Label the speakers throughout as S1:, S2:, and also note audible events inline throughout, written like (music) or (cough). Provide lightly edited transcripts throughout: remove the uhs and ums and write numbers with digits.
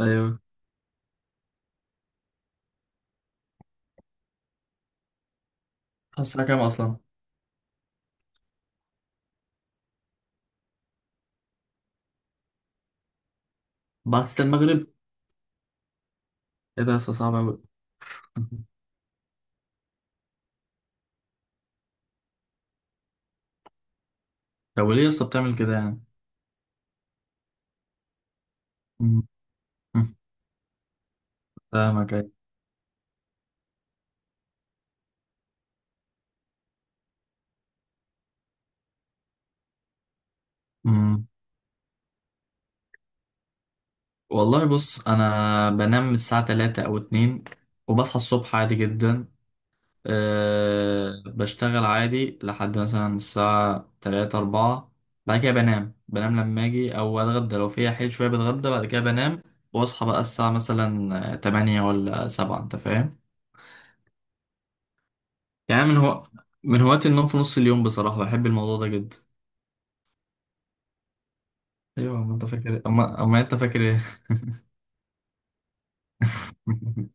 S1: ايوه. حاسس كام اصلا؟ بعد ستة المغرب؟ ايه ده يا اسطى، صعب اوي. (laughs) طب وليه يا اسطى بتعمل كده يعني؟ مم. مم. فاهمك، ايوه. مم. والله بص، انا بنام الساعه 3 او 2، وبصحى الصبح عادي جدا. أه، بشتغل عادي لحد مثلا الساعه 3 4. بعد كده بنام، بنام لما اجي او اتغدى، لو فيها حيل شويه بتغدى بعد كده بنام. واصحى بقى الساعه مثلا 8 ولا 7، انت فاهم؟ يعني أنا من هو من هواة النوم في نص اليوم بصراحة، بحب الموضوع ده جدا. أيوة، ما أنت فاكر إيه؟ أما أنت فاكر إيه. (laughs)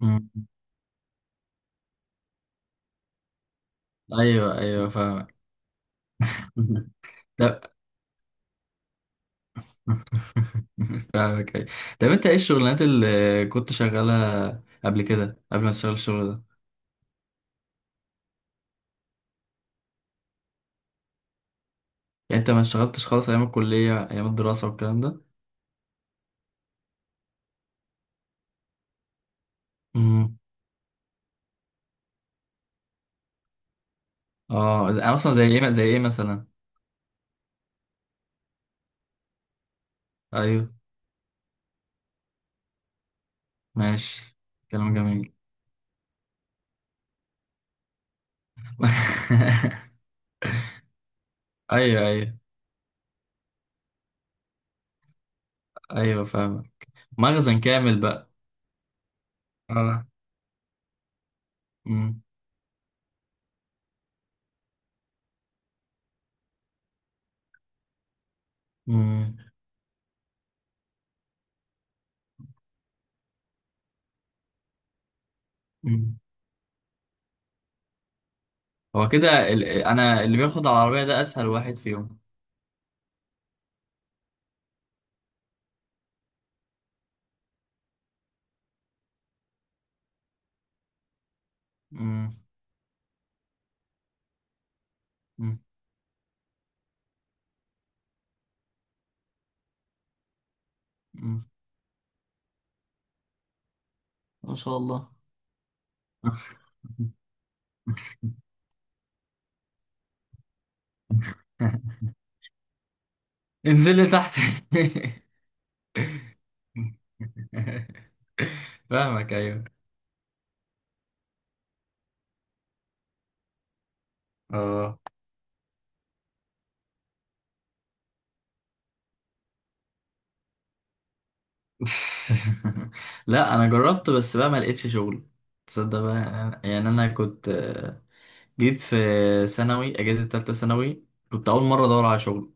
S1: مم. أيوة، أيوه فاهمك. (laughs) لا، فاهمك أيوة. طب أنت إيه الشغلانات اللي كنت شغالها قبل كده، قبل ما تشتغل الشغل ده؟ يعني أنت ما اشتغلتش خالص أيام الكلية، أيام الدراسة والكلام ده؟ مم. أه مثلا زي إيه مثلا. أيوه. ماشي، كلام جميل. (laughs) ايوه ايوه ايوه فاهمك. مخزن كامل بقى. اه. مم. مم. هو كده انا اللي بياخد على العربية ده اسهل واحد فيهم. مم. مم. مم. ما شاء الله. (laughs) انزل لي تحت. (laughs) فاهمك ايوه. اه. (laughs) لا انا جربت بس بقى ما لقيتش شغل. تصدق بقى، يعني انا كنت جيت في ثانوي، اجازه ثالثه ثانوي، كنت اول مره ادور على شغل.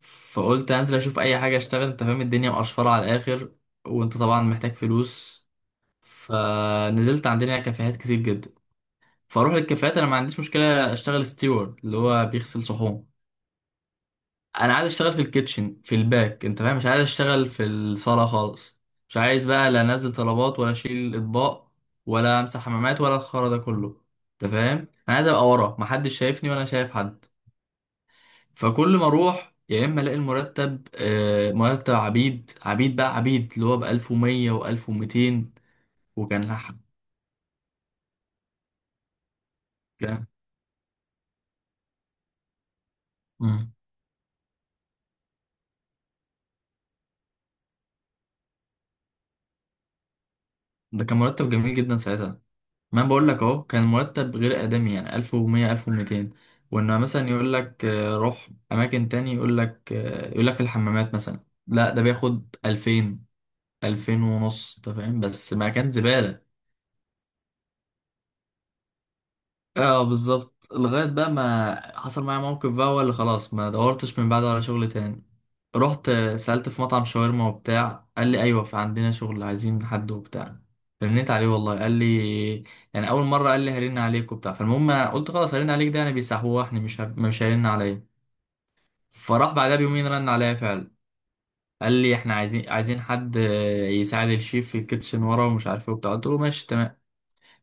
S1: فقلت انزل اشوف اي حاجه اشتغل، انت فاهم الدنيا مقشفره على الاخر، وانت طبعا محتاج فلوس. فنزلت، عندنا كافيهات كتير جدا. فاروح للكافيهات، انا ما عنديش مشكله اشتغل ستيوارد اللي هو بيغسل صحون. انا عايز اشتغل في الكيتشن في الباك، انت فاهم، مش عايز اشتغل في الصاله خالص. مش عايز بقى لا انزل طلبات ولا اشيل اطباق ولا امسح حمامات ولا الخرا ده كله. انت فاهم، انا عايز ابقى ورا محدش شايفني ولا أنا شايف حد. فكل ما اروح يا اما الاقي المرتب مرتب عبيد، عبيد بقى عبيد، اللي هو ب 1100 و1200. وكان لح- كان. مم. ده كان مرتب جميل جدا ساعتها. ما أنا بقول لك اهو، كان مرتب غير ادمي يعني 1100 1200. وان مثلا يقول لك روح اماكن تاني، يقول لك يقول لك في الحمامات مثلا، لا ده بياخد 2000، 2000 ونص، انت فاهم، بس ما كان زبالة. اه، بالظبط. لغاية بقى ما حصل معايا موقف بقى هو اللي خلاص ما دورتش من بعده على شغل تاني. رحت سألت في مطعم شاورما وبتاع، قال لي ايوه في عندنا شغل عايزين حد وبتاع. رنيت عليه، والله قال لي، يعني اول مرة، قال لي هرن عليك وبتاع. فالمهم قلت خلاص، هرن عليك ده يعني بيسحوحني، مش مش هيرن عليا. فراح بعدها بيومين رن عليا فعلا. قال لي احنا عايزين حد يساعد الشيف في الكيتشن ورا ومش عارف ايه وبتاع. قلت له ماشي تمام.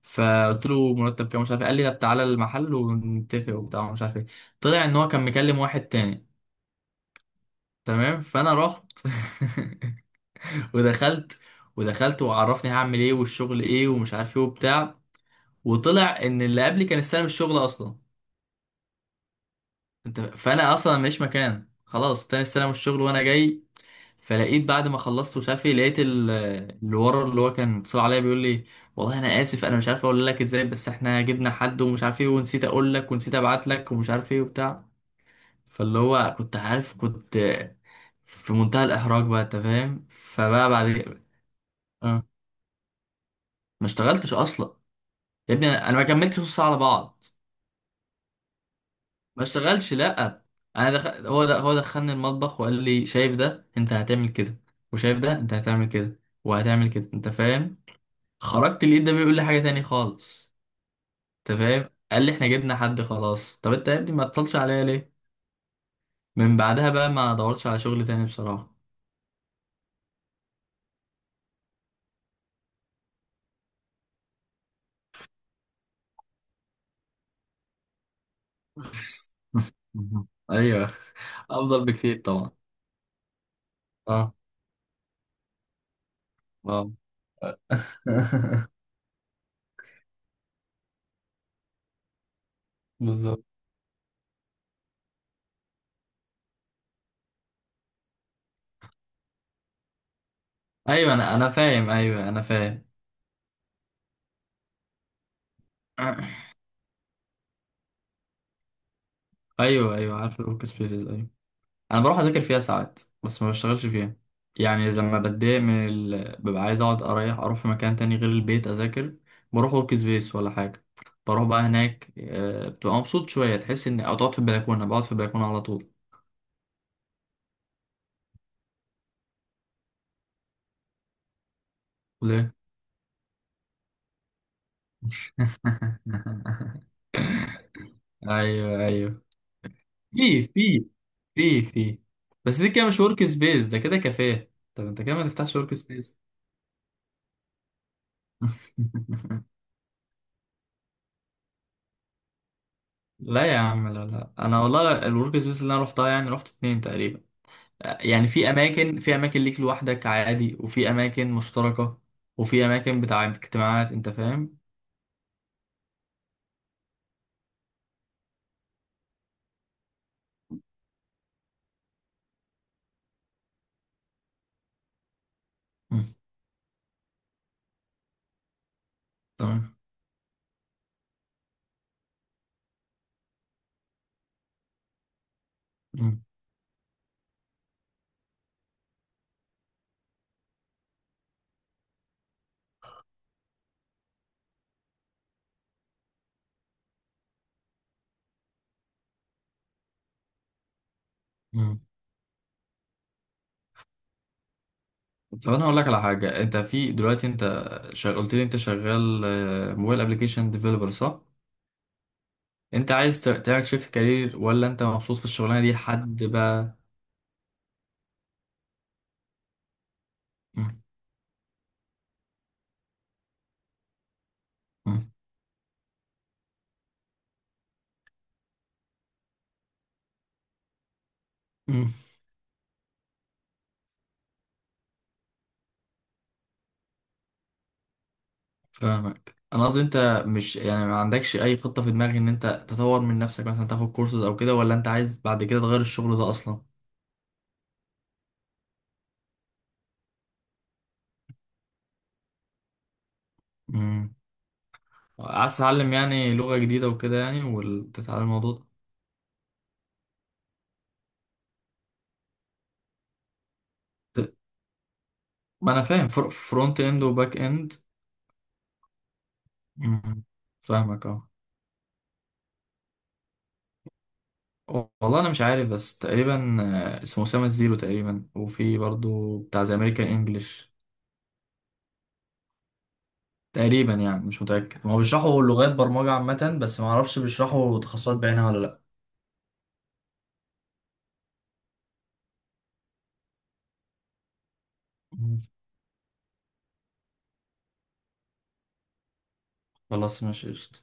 S1: فقلت له مرتب كام مش عارف إيه. قال لي طب تعالى المحل ونتفق وبتاع مش عارف ايه. طلع ان هو كان مكلم واحد تاني. تمام، فانا رحت. (laughs) ودخلت ودخلت وعرفني هعمل ايه والشغل ايه ومش عارف ايه وبتاع. وطلع ان اللي قبلي كان استلم الشغل اصلا. انت، فانا اصلا ماليش مكان، خلاص تاني استلم الشغل وانا جاي. فلقيت بعد ما خلصت ومش عارف ايه لقيت اللي ورا اللي هو كان اتصل عليا بيقول لي والله انا اسف، انا مش عارف اقول لك ازاي، بس احنا جبنا حد ومش عارف ايه، ونسيت اقول لك ونسيت ابعت لك ومش عارف ايه وبتاع. فاللي هو كنت عارف، كنت في منتهى الاحراج بقى، انت فاهم. فبقى بعد. اه. ما اشتغلتش اصلا. يا ابني انا ما كملتش نص ساعه على بعض. ما اشتغلش لا. انا هو ده، دخلني المطبخ وقال لي شايف ده انت هتعمل كده، وشايف ده انت هتعمل كده وهتعمل كده، انت فاهم. خرجت لقيت ده بيقول لي حاجة تاني خالص، انت فاهم. قال لي احنا جبنا حد خلاص. طب انت يا ابني ما اتصلش عليا ليه؟ من بعدها بقى ما دورتش على شغل تاني بصراحة. مهم. ايوه. (laughs) افضل بكتير طبعا. اه. اه. (laughs) بالظبط. ايوه، انا فاهم، ايوه انا فاهم. ايوه ايوه، عارف الورك سبيسز، ايوه. انا بروح اذاكر فيها ساعات بس ما بشتغلش فيها. يعني لما بتضايق من ببقى عايز اقعد اريح، اروح في مكان تاني غير البيت اذاكر. بروح ورك سبيس ولا حاجه. بروح بقى هناك بتبقى مبسوط شويه، تحس ان او تقعد في البلكونه، بقعد في البلكونه على طول. ليه؟ (laughs) ايوه ايوه في في في بس دي كده مش ورك سبيس، ده كده كافيه. طب انت كده ما تفتحش ورك سبيس. (laughs) لا يا عم، لا لا، انا والله الورك سبيس اللي انا روحتها يعني روحت اتنين تقريبا. يعني في اماكن، في اماكن ليك لوحدك عادي، وفي اماكن مشتركه، وفي اماكن بتاع اجتماعات، انت فاهم. مم. تمام. مم. مم. طب انا هقول لك على حاجه. انت في دلوقتي انت قلت لي انت شغال موبايل ابلكيشن ديفلوبر، صح؟ انت عايز تعمل شيفت كارير ولا انت مبسوط في الشغلانه دي لحد بقى؟ مم. مم. مم. فاهمك. انا قصدي انت مش يعني ما عندكش اي خطه في دماغك ان انت تطور من نفسك، مثلا تاخد كورسز او كده، ولا انت عايز بعد كده تغير الشغل ده اصلا؟ عايز تتعلم يعني لغة جديدة وكده يعني وتتعلم الموضوع ده ت- ما انا فاهم فرونت اند وباك اند. مم. فاهمك اه. والله انا مش عارف، بس تقريبا اسمه اسامة الزيرو تقريبا، وفي برضو بتاع زي امريكان انجلش تقريبا يعني، مش متأكد، ما هو بيشرحوا لغات برمجة عامة، بس ما اعرفش بيشرحوا تخصصات بعينها ولا لا. مم. خلاص ماشي، قشطة.